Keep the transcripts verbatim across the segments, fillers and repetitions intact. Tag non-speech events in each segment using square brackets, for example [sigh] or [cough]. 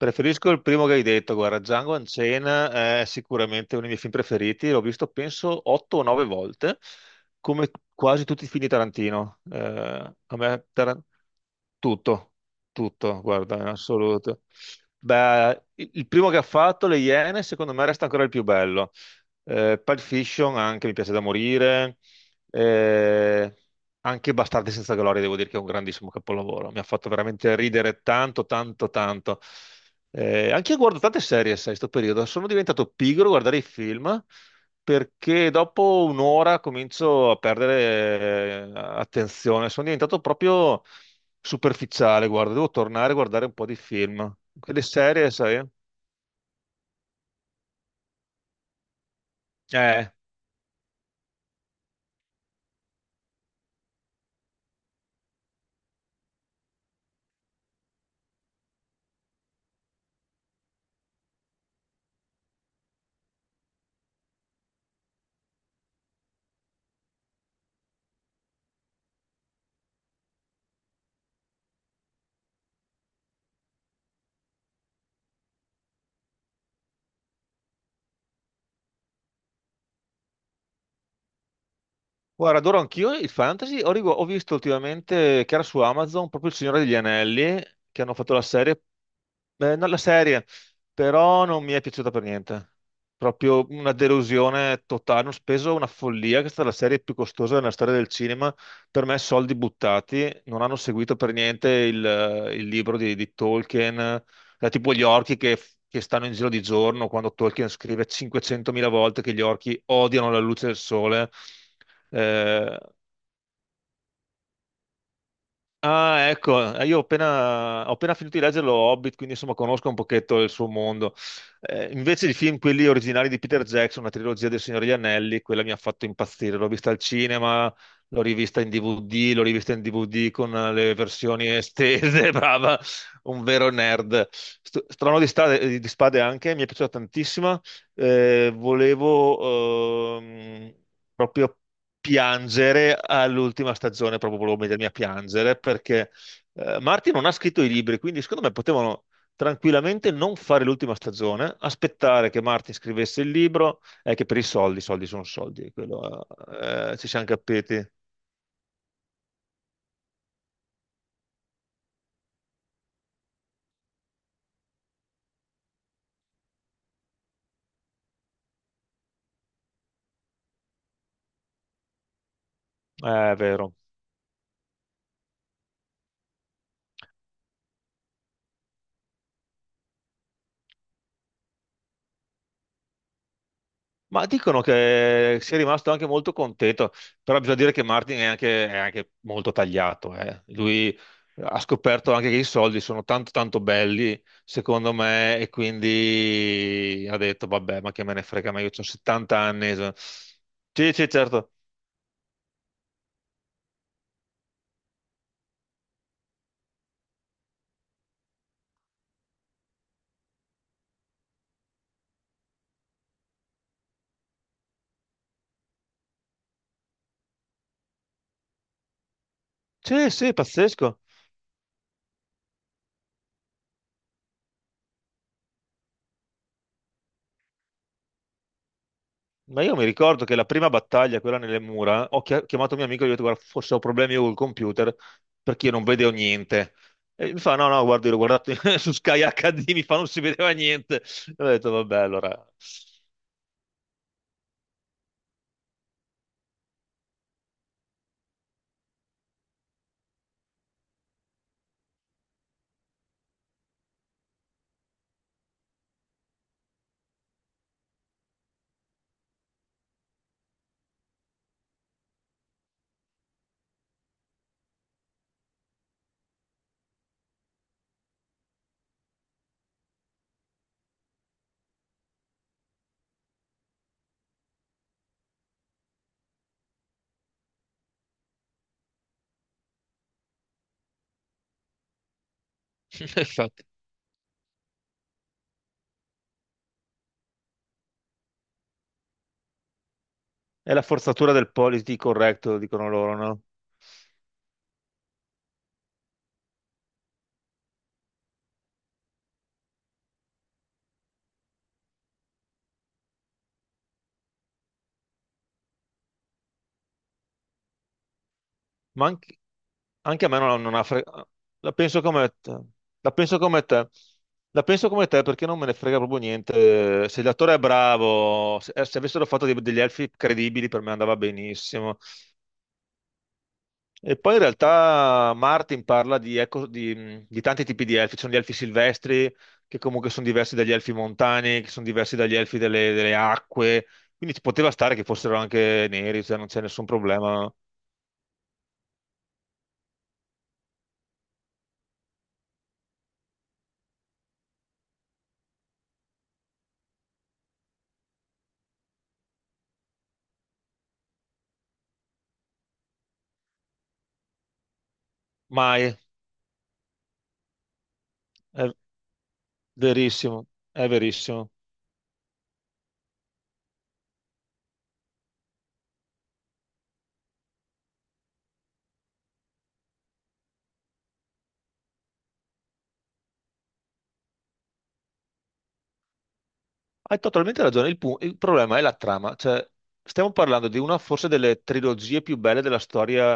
Preferisco il primo che hai detto, guarda, Django Unchained è sicuramente uno dei miei film preferiti, l'ho visto penso otto o nove volte, come quasi tutti i film di Tarantino. Eh, a me Taran- tutto, tutto, guarda, in assoluto. Beh, il il primo che ha fatto, Le Iene, secondo me resta ancora il più bello. Eh, Pulp Fiction anche mi piace da morire. Eh, Anche Bastardi senza gloria, devo dire che è un grandissimo capolavoro. Mi ha fatto veramente ridere tanto, tanto, tanto. Eh, anche io guardo tante serie, sai, sto periodo. Sono diventato pigro a guardare i film perché dopo un'ora comincio a perdere eh, attenzione. Sono diventato proprio superficiale, guarda. Devo tornare a guardare un po' di film. Quelle serie, sai? Eh. Guarda, adoro anch'io il fantasy. Ho, rigu- ho visto ultimamente che era su Amazon proprio Il Signore degli Anelli, che hanno fatto la serie. Eh, no, la serie, però non mi è piaciuta per niente. Proprio una delusione totale. Hanno speso una follia, che è stata la serie più costosa della storia del cinema. Per me, soldi buttati. Non hanno seguito per niente il, eh, il libro di, di Tolkien. Eh, tipo gli orchi che, che stanno in giro di giorno, quando Tolkien scrive cinquecentomila volte che gli orchi odiano la luce del sole. Eh, ah, ecco, eh, io ho appena, ho appena finito di leggere lo Hobbit, quindi insomma conosco un pochetto il suo mondo. Eh, invece i film, quelli originali di Peter Jackson, la trilogia del Signore degli Anelli, quella mi ha fatto impazzire. L'ho vista al cinema, l'ho rivista in D V D, l'ho rivista in D V D con eh, le versioni estese, [laughs] brava, un vero nerd. St- Strano di, Stade- di Spade anche, mi è piaciuta tantissima. Eh, volevo ehm, proprio piangere all'ultima stagione, proprio volevo mettermi a piangere perché eh, Martin non ha scritto i libri, quindi secondo me potevano tranquillamente non fare l'ultima stagione, aspettare che Martin scrivesse il libro, è che per i soldi, soldi sono soldi, quello, eh, ci siamo capiti. Eh, È vero. Ma dicono che sia rimasto anche molto contento, però bisogna dire che Martin è anche, è anche molto tagliato. eh. Lui ha scoperto anche che i soldi sono tanto tanto belli, secondo me, e quindi ha detto, vabbè, ma che me ne frega, ma io ho settanta anni. so- Sì, sì, certo. Sì, sì, pazzesco. Ma io mi ricordo che la prima battaglia, quella nelle mura, ho chia- chiamato mio amico e gli ho detto, guarda, forse ho problemi io col computer perché io non vedevo niente. E mi fa, no, no, guarda, io l'ho guardato [laughs] su Sky H D, mi fa, non si vedeva niente. E ho detto, vabbè, allora. [laughs] Infatti. È la forzatura del politically corretto, dicono loro, no? Ma anche- Anche a me non, non ha fregato. La penso come te. La penso come te. La penso come te perché non me ne frega proprio niente. Se l'attore è bravo, se, eh, se avessero fatto dei- degli elfi credibili per me andava benissimo. E poi in realtà Martin parla di, eco- di- di tanti tipi di elfi. Ci sono gli elfi silvestri che comunque sono diversi dagli elfi montani, che sono diversi dagli elfi delle, delle acque. Quindi ci poteva stare che fossero anche neri, cioè non c'è nessun problema. Mai. È verissimo. È verissimo. Hai totalmente ragione, il, pu- il problema è la trama, cioè stiamo parlando di una forse delle trilogie più belle della storia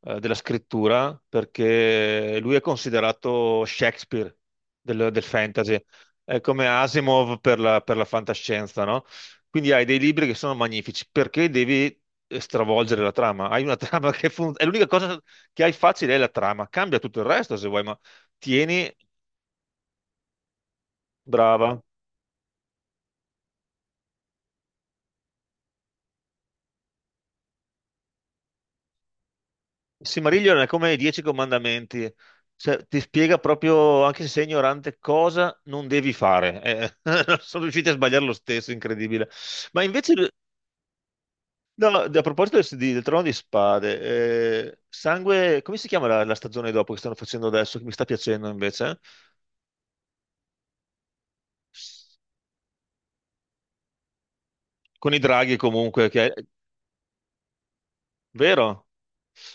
eh, della scrittura, perché lui è considerato Shakespeare del, del fantasy, è come Asimov per la, per la fantascienza, no? Quindi hai dei libri che sono magnifici, perché devi eh, stravolgere la trama? Hai una [laughs] trama che funziona, è l'unica cosa che hai facile è la trama, cambia tutto il resto se vuoi, ma tieni, brava, Il Silmarillion è come i Dieci Comandamenti, cioè, ti spiega proprio, anche se sei ignorante, cosa non devi fare. Eh, [laughs] sono riusciti a sbagliare lo stesso, incredibile. Ma invece, no, no, a proposito del, di- del Trono di Spade, eh, Sangue, come si chiama la, la stagione dopo che stanno facendo adesso, che mi sta piacendo invece? Con i draghi comunque, che è- vero?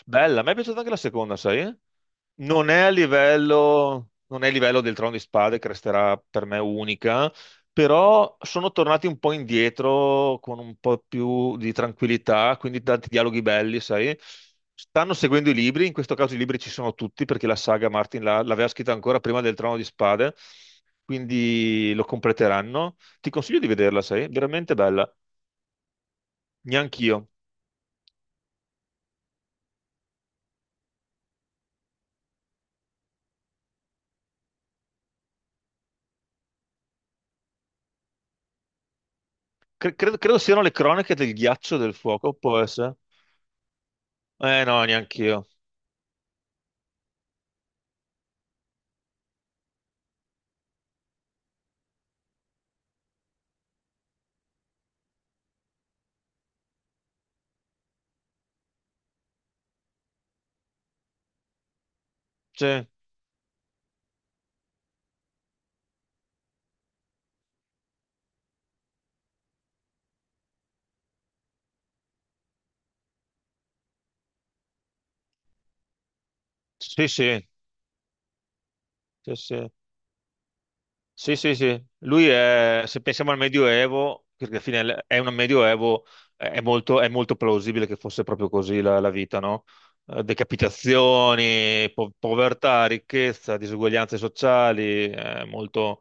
Bella, a me è piaciuta anche la seconda, sai? Non è a livello, non è a livello del Trono di Spade, che resterà per me unica, però sono tornati un po' indietro con un po' più di tranquillità, quindi tanti dialoghi belli, sai? Stanno seguendo i libri, in questo caso i libri ci sono tutti perché la saga Martin la- l'aveva scritta ancora prima del Trono di Spade, quindi lo completeranno. Ti consiglio di vederla, sai? Veramente bella, neanch'io. Cre- credo, credo siano le cronache del ghiaccio e del fuoco, può essere? Eh no, neanch'io. Sì, sì, sì, sì, sì. Sì, sì, sì. Lui è, se pensiamo al Medioevo, perché alla fine è un Medioevo, è molto, è molto plausibile che fosse proprio così la, la vita, no? Eh, Decapitazioni, po- povertà, ricchezza, disuguaglianze sociali, è molto.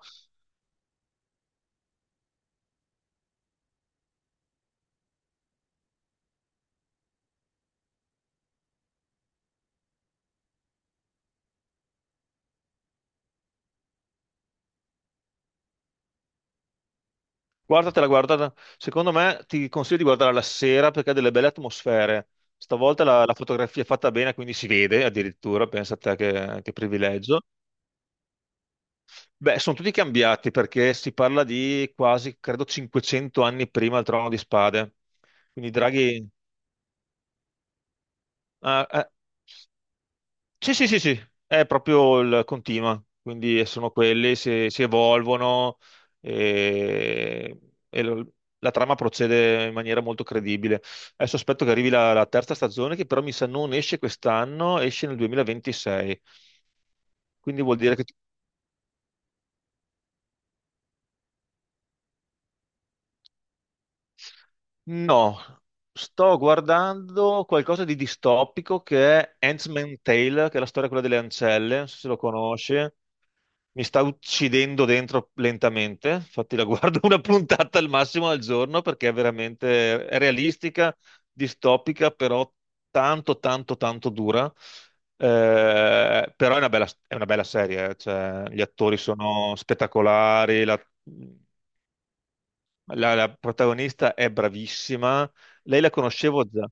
Guardatela, guardatela. Secondo me ti consiglio di guardarla la sera perché ha delle belle atmosfere. Stavolta la, la fotografia è fatta bene, quindi si vede addirittura, pensa a te che, che privilegio. Beh, sono tutti cambiati perché si parla di quasi, credo, cinquecento anni prima del Trono di Spade. Quindi Draghi. Ah, eh, sì, sì, sì, sì, è proprio il continua, quindi sono quelli, si, si evolvono e, e lo- la trama procede in maniera molto credibile. Adesso aspetto che arrivi la, la terza stagione, che però mi sa non esce quest'anno, esce nel duemilaventisei, quindi vuol dire che. No, sto guardando qualcosa di distopico che è Handmaid's Tale, che è la storia quella delle ancelle, non so se lo conosci. Mi sta uccidendo dentro lentamente, infatti la guardo [laughs] una puntata al massimo al giorno perché è veramente è realistica, distopica, però tanto, tanto, tanto dura. Eh, però è una bella, è una bella serie, eh, cioè, gli attori sono spettacolari, la, la- la protagonista è bravissima. Lei la conoscevo già.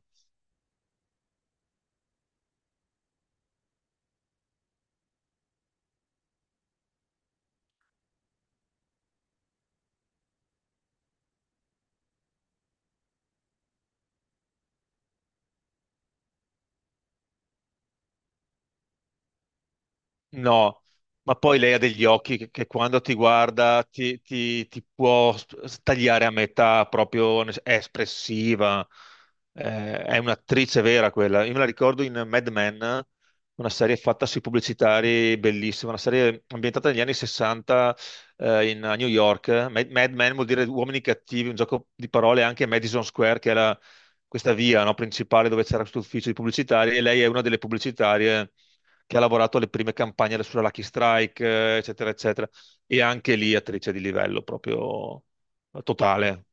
No, ma poi lei ha degli occhi che, che quando ti guarda ti, ti- ti può s- tagliare a metà, proprio nel sen- è espressiva, eh, è un'attrice vera quella. Io me la ricordo in Mad Men, una serie fatta sui pubblicitari bellissima, una serie ambientata negli anni sessanta eh, in- a New York. Mad, Mad Men vuol dire uomini cattivi, un gioco di parole anche a Madison Square, che era questa via, no, principale dove c'era questo ufficio di pubblicitari, e lei è una delle pubblicitarie che ha lavorato alle prime campagne sulla Lucky Strike, eh, eccetera, eccetera. E anche lì attrice di livello proprio eh, totale.